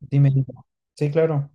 Dime, dime. Sí, claro.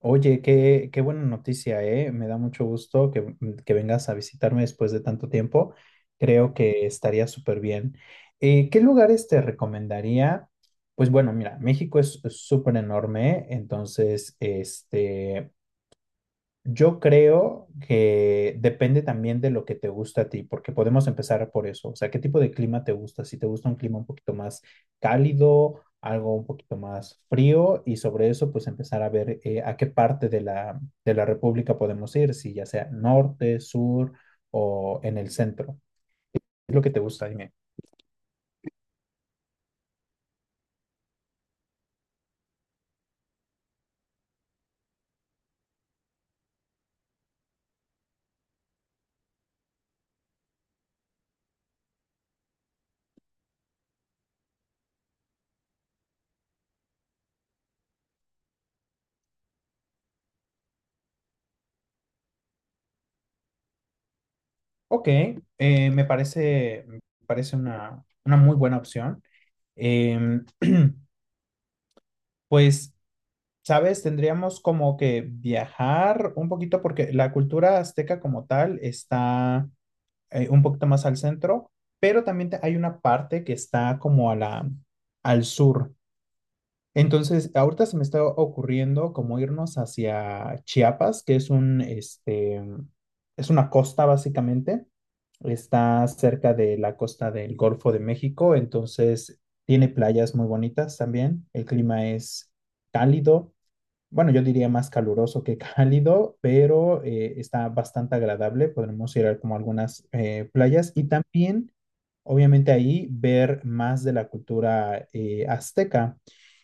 Oye, qué buena noticia, ¿eh? Me da mucho gusto que vengas a visitarme después de tanto tiempo. Creo que estaría súper bien. ¿Qué lugares te recomendaría? Pues bueno, mira, México es súper enorme, entonces, yo creo que depende también de lo que te gusta a ti, porque podemos empezar por eso. O sea, ¿qué tipo de clima te gusta? Si te gusta un clima un poquito más cálido, algo un poquito más frío, y sobre eso, pues empezar a ver a qué parte de la República podemos ir, si ya sea norte, sur o en el centro. ¿Qué es lo que te gusta? Dime. Ok, me parece una muy buena opción. Em, pues. ¿Sabes? Tendríamos como que viajar un poquito porque la cultura azteca como tal está un poquito más al centro, pero también hay una parte que está como al sur. Entonces, ahorita se me está ocurriendo como irnos hacia Chiapas, que es es una costa básicamente. Está cerca de la costa del Golfo de México, entonces tiene playas muy bonitas también. El clima es cálido, bueno, yo diría más caluroso que cálido, pero está bastante agradable. Podremos ir a como algunas playas y también, obviamente, ahí ver más de la cultura azteca.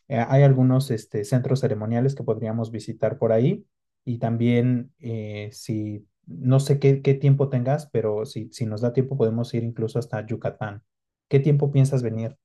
Hay algunos centros ceremoniales que podríamos visitar por ahí y también no sé qué tiempo tengas, pero si nos da tiempo podemos ir incluso hasta Yucatán. ¿Qué tiempo piensas venir?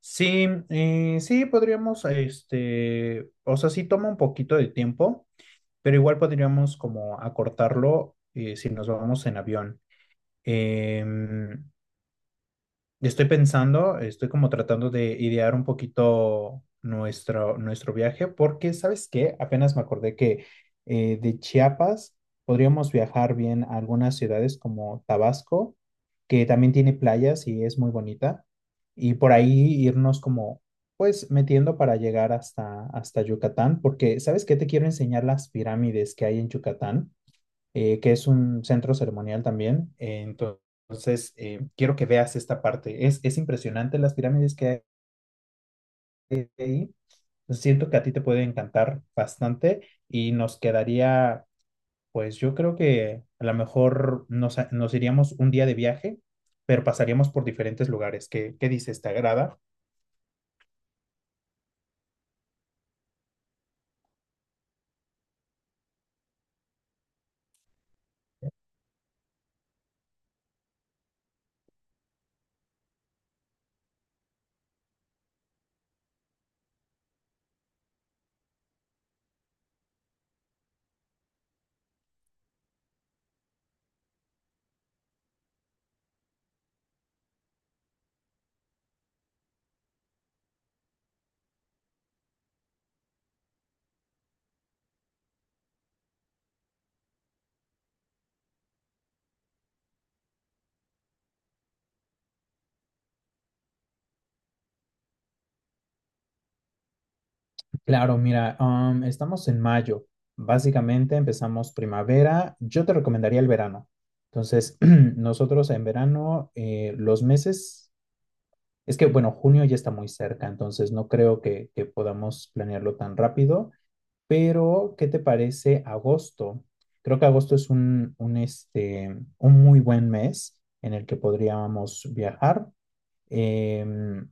Sí, sí, podríamos, o sea, sí toma un poquito de tiempo, pero igual podríamos como acortarlo si nos vamos en avión. Em, yo estoy pensando, estoy como tratando de idear un poquito nuestro viaje, porque, ¿sabes qué? Apenas me acordé que de Chiapas podríamos viajar bien a algunas ciudades como Tabasco, que también tiene playas y es muy bonita, y por ahí irnos como, pues, metiendo para llegar hasta Yucatán, porque, ¿sabes qué? Te quiero enseñar las pirámides que hay en Yucatán, que es un centro ceremonial también. Entonces, quiero que veas esta parte. Es impresionante las pirámides que hay ahí. Siento que a ti te puede encantar bastante y nos quedaría, pues yo creo que a lo mejor nos iríamos un día de viaje, pero pasaríamos por diferentes lugares. ¿Qué dices? ¿Te agrada? Claro, mira, estamos en mayo. Básicamente empezamos primavera. Yo te recomendaría el verano. Entonces, nosotros en verano, los meses, es que, bueno, junio ya está muy cerca, entonces no creo que podamos planearlo tan rápido, pero ¿qué te parece agosto? Creo que agosto es un muy buen mes en el que podríamos viajar. Em,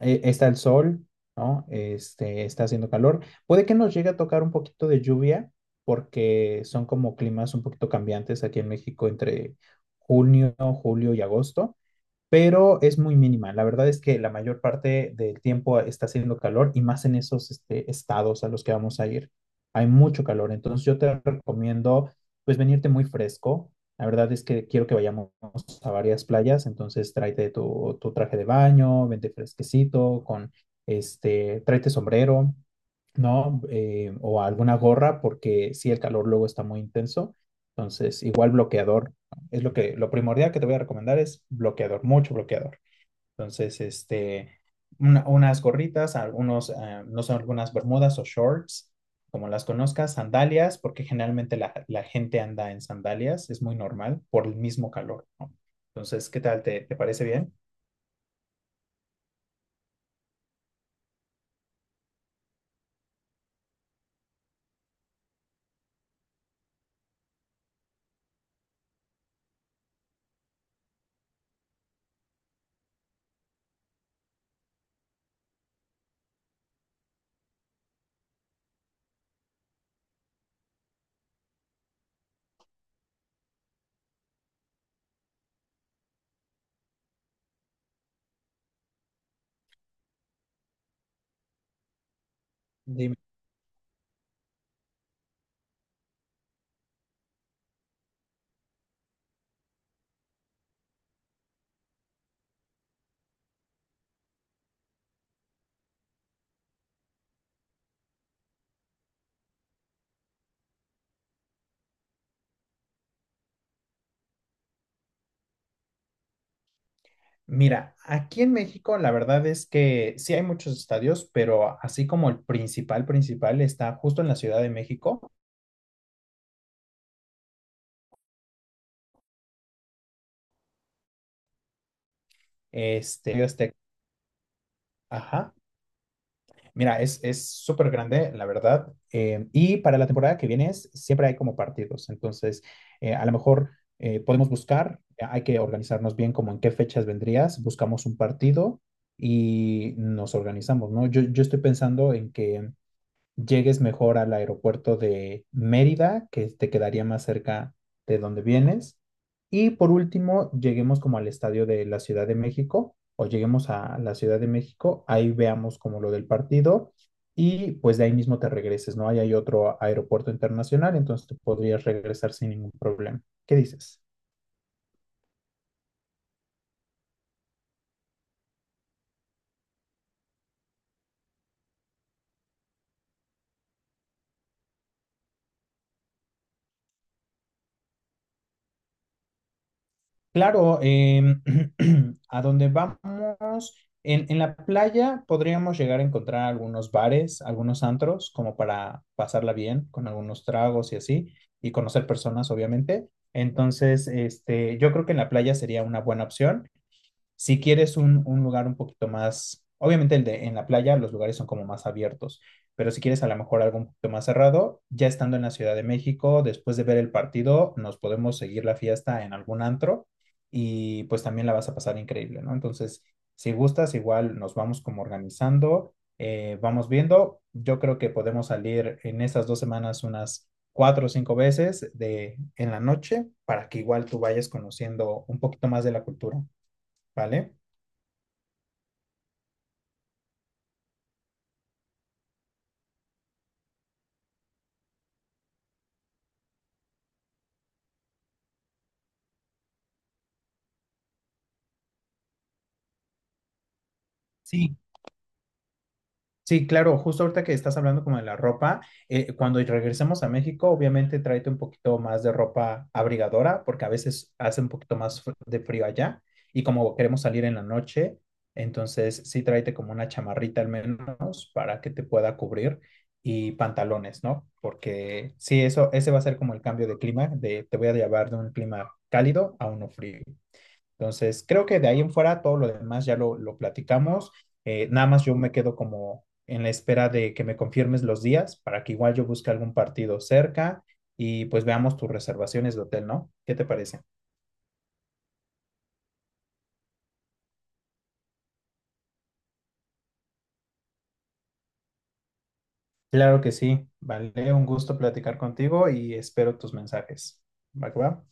Está el sol, ¿no? Está haciendo calor. Puede que nos llegue a tocar un poquito de lluvia porque son como climas un poquito cambiantes aquí en México entre junio, julio y agosto, pero es muy mínima. La verdad es que la mayor parte del tiempo está haciendo calor y más en esos estados a los que vamos a ir. Hay mucho calor, entonces yo te recomiendo pues venirte muy fresco. La verdad es que quiero que vayamos a varias playas, entonces tráete tu traje de baño, vente fresquecito, con tráete sombrero, ¿no? O alguna gorra, porque sí, el calor luego está muy intenso. Entonces, igual bloqueador es lo primordial que te voy a recomendar, es bloqueador, mucho bloqueador. Entonces, unas gorritas, algunos, no sé, algunas bermudas o shorts, como las conozcas, sandalias, porque generalmente la gente anda en sandalias, es muy normal por el mismo calor, ¿no? Entonces, ¿qué tal? ¿Te parece bien? Dime. Mira, aquí en México la verdad es que sí hay muchos estadios, pero así como el principal, principal está justo en la Ciudad de México, Estadio Azteca. Ajá. Mira, es súper grande, la verdad. Y para la temporada que viene siempre hay como partidos. Entonces, a lo mejor podemos buscar, hay que organizarnos bien como en qué fechas vendrías, buscamos un partido y nos organizamos, ¿no? Yo estoy pensando en que llegues mejor al aeropuerto de Mérida, que te quedaría más cerca de donde vienes. Y por último, lleguemos como al estadio de la Ciudad de México, o lleguemos a la Ciudad de México, ahí veamos como lo del partido y pues de ahí mismo te regreses, ¿no? Ahí hay otro aeropuerto internacional, entonces te podrías regresar sin ningún problema. ¿Qué dices? Claro, a donde vamos, en la playa podríamos llegar a encontrar algunos bares, algunos antros, como para pasarla bien, con algunos tragos y así, y conocer personas, obviamente. Entonces, yo creo que en la playa sería una buena opción. Si quieres un lugar un poquito más, obviamente el de en la playa, los lugares son como más abiertos, pero si quieres a lo mejor algo un poquito más cerrado, ya estando en la Ciudad de México, después de ver el partido, nos podemos seguir la fiesta en algún antro y pues también la vas a pasar increíble, ¿no? Entonces, si gustas, igual nos vamos como organizando, vamos viendo. Yo creo que podemos salir en esas 2 semanas unas cuatro o cinco veces en la noche para que igual tú vayas conociendo un poquito más de la cultura, ¿vale? Sí, sí, claro, justo ahorita que estás hablando como de la ropa, cuando regresemos a México, obviamente tráete un poquito más de ropa abrigadora, porque a veces hace un poquito más de frío allá, y como queremos salir en la noche, entonces sí tráete como una chamarrita al menos para que te pueda cubrir y pantalones, ¿no? Porque sí, ese va a ser como el cambio de clima, de te voy a llevar de un clima cálido a uno frío. Entonces, creo que de ahí en fuera todo lo demás ya lo platicamos. Nada más yo me quedo como en la espera de que me confirmes los días para que igual yo busque algún partido cerca y pues veamos tus reservaciones de hotel, ¿no? ¿Qué te parece? Claro que sí, vale, un gusto platicar contigo y espero tus mensajes. ¿Va que va?